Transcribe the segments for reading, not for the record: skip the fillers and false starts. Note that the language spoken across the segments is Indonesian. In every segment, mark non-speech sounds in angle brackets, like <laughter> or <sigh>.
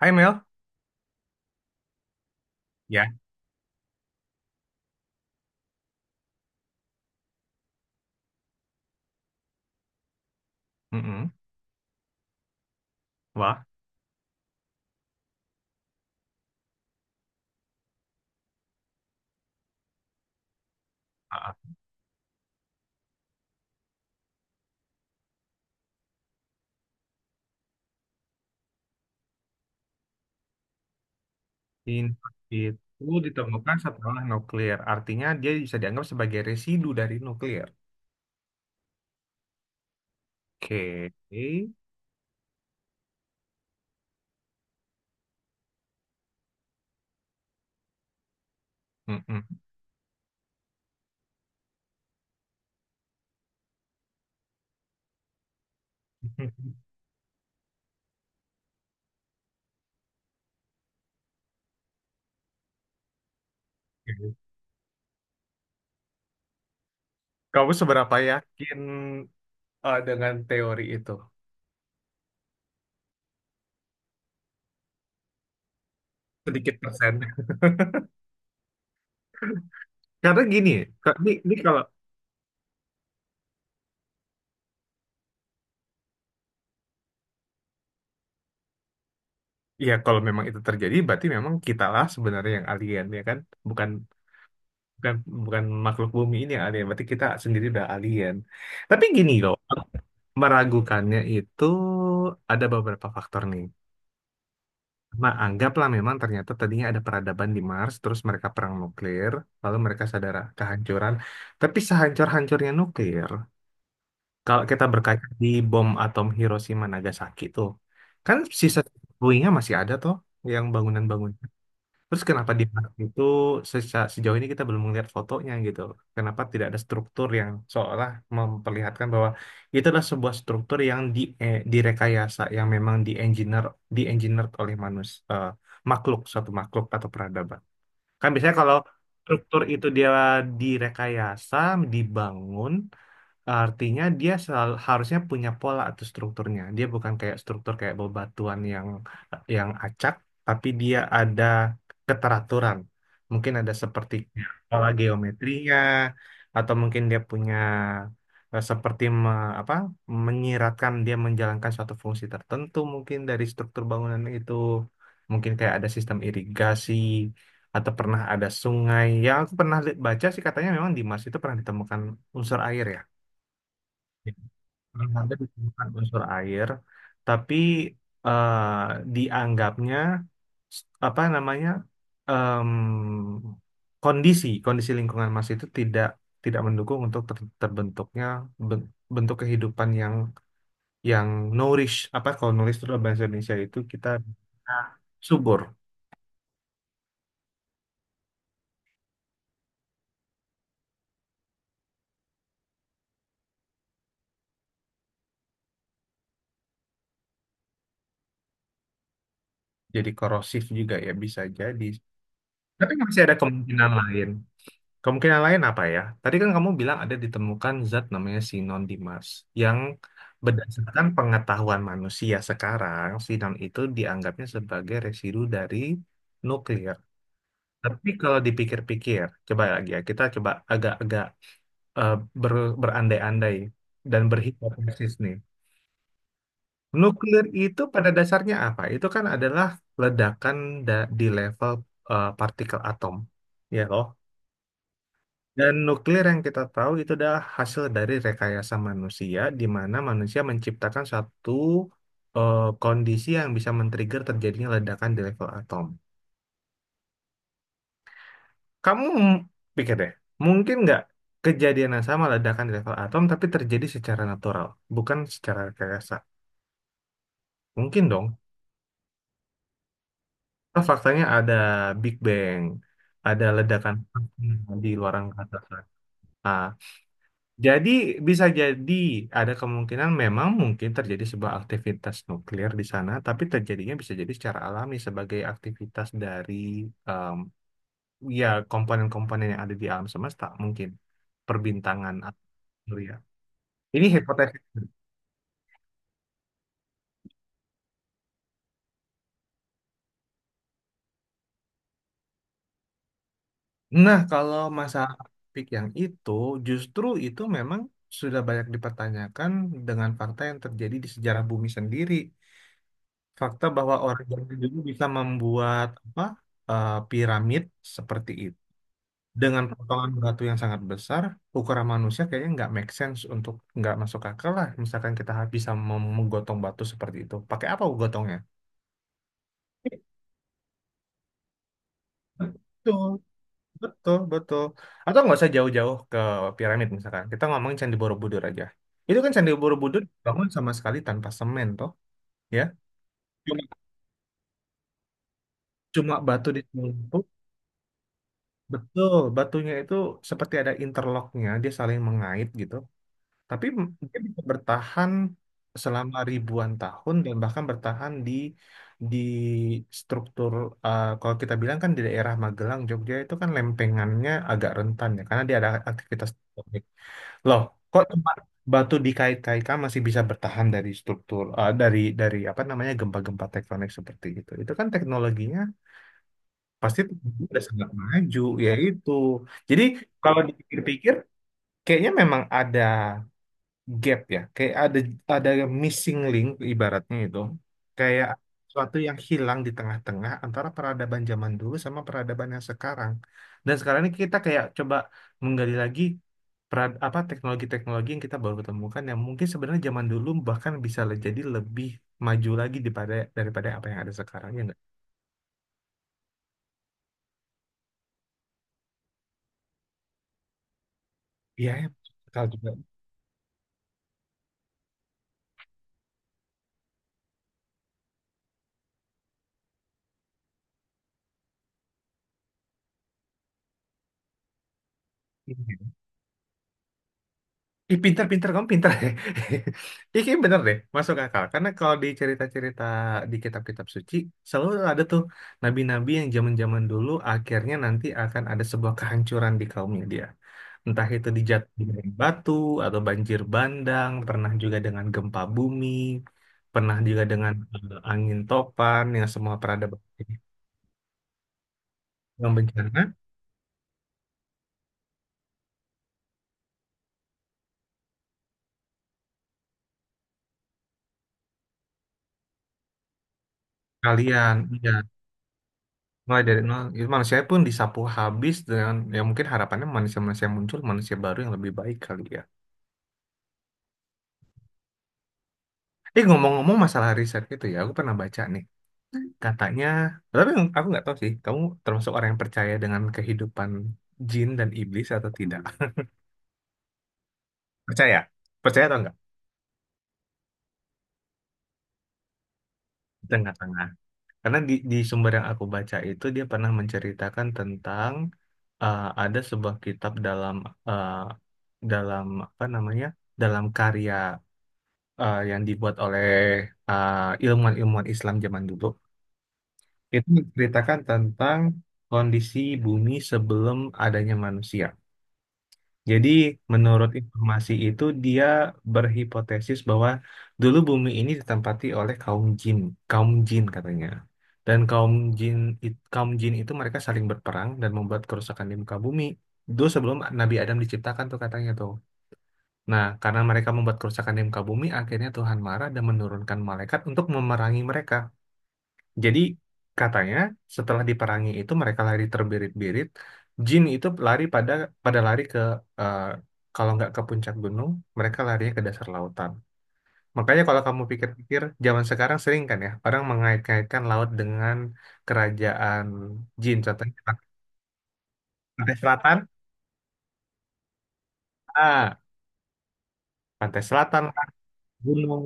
Hai Mel, ya, mm-mm. Wah, ah, infak itu ditemukan setelah nuklir, artinya dia bisa dianggap sebagai residu dari nuklir. Oke, mm-mm. <laughs> Oke. Kamu seberapa yakin dengan teori itu? Sedikit persen. Karena gini, ini kalau ya kalau memang itu terjadi, berarti memang kitalah sebenarnya yang alien ya kan, bukan bukan bukan makhluk bumi ini yang alien, berarti kita sendiri udah alien. Tapi gini loh. Meragukannya itu ada beberapa faktor nih. Nah, anggaplah memang ternyata tadinya ada peradaban di Mars, terus mereka perang nuklir, lalu mereka sadar kehancuran. Tapi sehancur-hancurnya nuklir, kalau kita berkaca di bom atom Hiroshima Nagasaki tuh, kan sisa puingnya masih ada toh, yang bangunan-bangunan. Terus kenapa di park itu sejauh ini kita belum melihat fotonya gitu? Kenapa tidak ada struktur yang seolah memperlihatkan bahwa itu adalah sebuah struktur yang direkayasa, yang memang di engineer, di engineered oleh makhluk, suatu makhluk atau peradaban. Kan biasanya kalau struktur itu dia direkayasa, dibangun. Artinya dia selalu, harusnya punya pola atau strukturnya. Dia bukan kayak struktur kayak bebatuan yang acak, tapi dia ada keteraturan. Mungkin ada seperti pola geometrinya, atau mungkin dia punya seperti apa menyiratkan dia menjalankan suatu fungsi tertentu mungkin dari struktur bangunan itu. Mungkin kayak ada sistem irigasi atau pernah ada sungai. Yang aku pernah baca sih katanya memang di Mars itu pernah ditemukan unsur air ya. Belum ada ditemukan unsur air, tapi eh, dianggapnya apa namanya em, kondisi kondisi lingkungan Mas itu tidak tidak mendukung untuk terbentuknya ben- bentuk kehidupan yang nourish apa kalau nulis itu dalam bahasa Indonesia itu kita subur jadi korosif juga ya bisa jadi tapi masih ada kemungkinan lain. Kemungkinan lain apa ya? Tadi kan kamu bilang ada ditemukan zat namanya sinon Dimas yang berdasarkan pengetahuan manusia sekarang, sinon itu dianggapnya sebagai residu dari nuklir. Tapi kalau dipikir-pikir, coba lagi ya, kita coba agak-agak eh, berandai-andai dan berhipotesis nih. Nuklir itu pada dasarnya apa? Itu kan adalah ledakan di level partikel atom. Ya loh. Dan nuklir yang kita tahu itu adalah hasil dari rekayasa manusia, di mana manusia menciptakan satu kondisi yang bisa men-trigger terjadinya ledakan di level atom. Kamu pikir deh, mungkin nggak kejadian yang sama ledakan di level atom, tapi terjadi secara natural, bukan secara rekayasa? Mungkin dong. Karena faktanya ada Big Bang, ada ledakan di luar angkasa. Jadi bisa jadi ada kemungkinan memang mungkin terjadi sebuah aktivitas nuklir di sana, tapi terjadinya bisa jadi secara alami sebagai aktivitas dari em, ya komponen-komponen yang ada di alam semesta mungkin perbintangan atau surya. Ini hipotesis. Nah, kalau masalah topik yang itu justru itu memang sudah banyak dipertanyakan dengan fakta yang terjadi di sejarah bumi sendiri. Fakta bahwa orang origami dulu bisa membuat apa piramid seperti itu dengan potongan batu yang sangat besar, ukuran manusia kayaknya nggak make sense untuk nggak masuk akal lah. Misalkan kita bisa menggotong batu seperti itu, pakai apa gotongnya? Betul, betul, betul. Atau nggak usah jauh-jauh ke piramid misalkan. Kita ngomongin Candi Borobudur aja. Itu kan Candi Borobudur bangun sama sekali tanpa semen toh, ya. Cuma, cuma batu ditumpu. Betul, batunya itu seperti ada interlocknya, dia saling mengait gitu. Tapi dia bisa bertahan selama ribuan tahun dan bahkan bertahan di struktur kalau kita bilang kan di daerah Magelang, Jogja itu kan lempengannya agak rentan ya karena dia ada aktivitas tektonik. Loh, kok tempat batu dikait-kaitkan masih bisa bertahan dari struktur eh, dari apa namanya gempa-gempa tektonik seperti itu. Itu kan teknologinya pasti Tuhan udah sangat maju ya itu. Jadi kalau dipikir-pikir kayaknya memang ada gap ya, kayak ada missing link ibaratnya itu. Kayak suatu yang hilang di tengah-tengah antara peradaban zaman dulu sama peradaban yang sekarang. Dan sekarang ini kita kayak coba menggali lagi apa teknologi-teknologi yang kita baru temukan yang mungkin sebenarnya zaman dulu bahkan bisa jadi lebih maju lagi daripada daripada apa yang ada sekarang ya nggak? Iya, ya, kalau juga. Ih, pinter-pinter kamu pinter ya. <laughs> Ih, kayaknya bener deh, masuk akal. Karena kalau di cerita-cerita di kitab-kitab suci, selalu ada tuh nabi-nabi yang zaman-zaman dulu akhirnya nanti akan ada sebuah kehancuran di kaumnya dia. Entah itu dijatuhin dari batu atau banjir bandang, pernah juga dengan gempa bumi, pernah juga dengan angin topan yang semua peradaban yang bencana kalian. Iya, mulai dari nol gitu, manusia pun disapu habis dengan ya mungkin harapannya manusia-manusia yang muncul manusia baru yang lebih baik kali ya ngomong-ngomong masalah riset itu ya aku pernah baca nih katanya tapi aku nggak tahu sih kamu termasuk orang yang percaya dengan kehidupan jin dan iblis atau tidak percaya percaya atau enggak tengah-tengah karena di sumber yang aku baca itu dia pernah menceritakan tentang ada sebuah kitab dalam eh, dalam apa namanya dalam karya yang dibuat oleh eh, ilmuwan-ilmuwan Islam zaman dulu itu menceritakan tentang kondisi bumi sebelum adanya manusia. Jadi menurut informasi itu dia berhipotesis bahwa dulu bumi ini ditempati oleh kaum jin katanya. Dan kaum jin kaum jin itu mereka saling berperang dan membuat kerusakan di muka bumi. Dulu sebelum Nabi Adam diciptakan tuh katanya tuh. Nah, karena mereka membuat kerusakan di muka bumi, akhirnya Tuhan marah dan menurunkan malaikat untuk memerangi mereka. Jadi, katanya setelah diperangi itu mereka lari terbirit-birit. Jin itu lari pada pada lari ke eh, kalau nggak ke puncak gunung, mereka larinya ke dasar lautan. Makanya kalau kamu pikir-pikir, zaman sekarang sering kan ya, orang mengait-ngaitkan laut dengan kerajaan jin. Contohnya Pantai Selatan, ah, Pantai Selatan, gunung.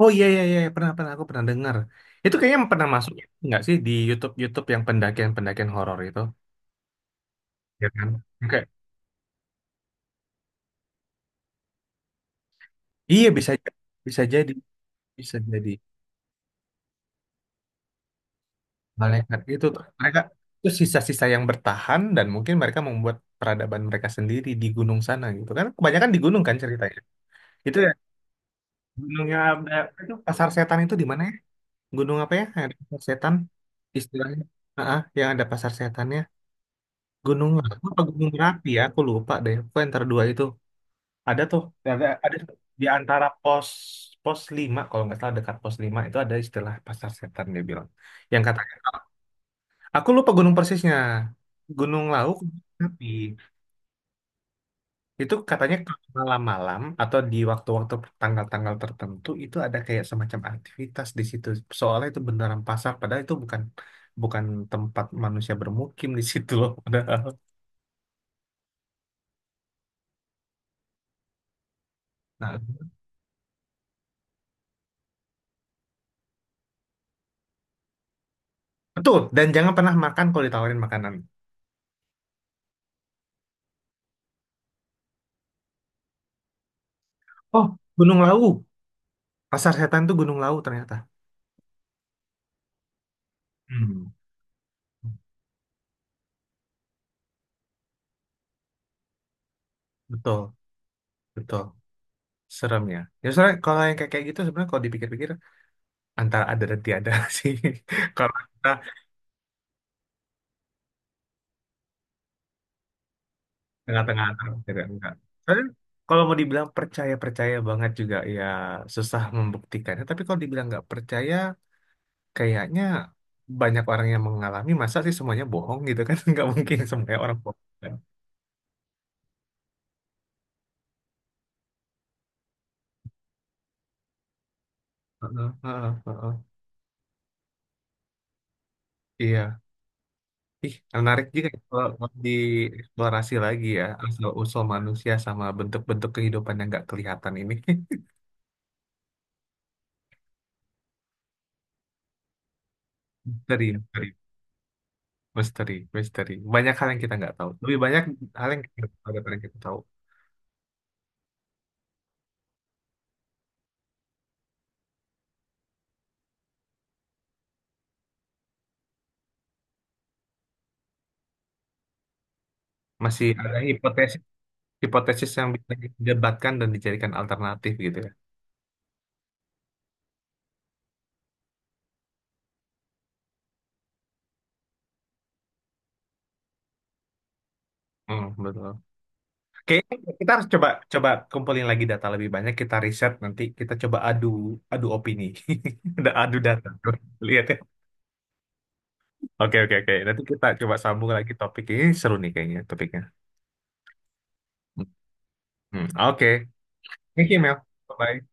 Oh iya iya iya pernah pernah aku pernah dengar. Itu kayaknya pernah masuk nggak sih di YouTube YouTube yang pendakian pendakian horor itu, ya kan? Oke. Iya bisa jadi bisa jadi malaikat itu tuh. Mereka itu sisa-sisa yang bertahan dan mungkin mereka membuat peradaban mereka sendiri di gunung sana gitu kan? Kebanyakan di gunung kan ceritanya. Itu ya gunungnya ada itu pasar setan itu di mana ya? Gunung apa ya? Yang ada pasar setan istilahnya. Ah, ah, yang ada pasar setannya. Gunung apa? Gunung Merapi ya? Aku lupa deh. Pokoknya antara dua itu. Ada tuh. Ada tuh. Di antara pos pos 5 kalau nggak salah dekat pos 5 itu ada istilah pasar setan dia bilang yang katanya aku lupa gunung persisnya Gunung Lauk tapi itu katanya kalau malam-malam atau di waktu-waktu tanggal-tanggal tertentu itu ada kayak semacam aktivitas di situ soalnya itu beneran pasar padahal itu bukan bukan tempat manusia bermukim di situ loh padahal nah betul dan jangan pernah makan kalau ditawarin makanan oh Gunung Lawu pasar setan tuh Gunung Lawu ternyata. Hmm, betul, betul. Serem ya. Ya sebenarnya kalau yang kayak kayak gitu sebenarnya kalau dipikir-pikir antara ada dan tiada <laughs> sih. Kalau kita tengah-tengah antara tidak enggak. Soalnya kalau mau dibilang percaya-percaya banget juga ya susah membuktikannya. Tapi kalau dibilang nggak percaya, kayaknya banyak orang yang mengalami masa sih semuanya bohong gitu kan. <laughs> Nggak mungkin semuanya orang bohong. Kan? Heeh, heeh, heeh. Iya. Ih, menarik juga ya kalau mau dieksplorasi lagi ya asal-usul manusia sama bentuk-bentuk kehidupan yang nggak kelihatan ini. <laughs> Misteri, misteri, misteri, misteri. Banyak hal yang kita nggak tahu. Lebih banyak hal yang kita nggak tahu daripada yang kita tahu. Masih ada hipotesis, hipotesis yang bisa didebatkan dan dijadikan alternatif gitu ya. Hmm, betul. Kayaknya kita harus coba coba kumpulin lagi data lebih banyak. Kita riset nanti kita coba adu adu opini, <laughs> ada adu data. Lihat. Ya. Oke, oke, oke. Nanti kita coba sambung lagi topik ini. Seru nih kayaknya topiknya. Hmm. Hmm. Oke. Thank you, Mel. Bye-bye.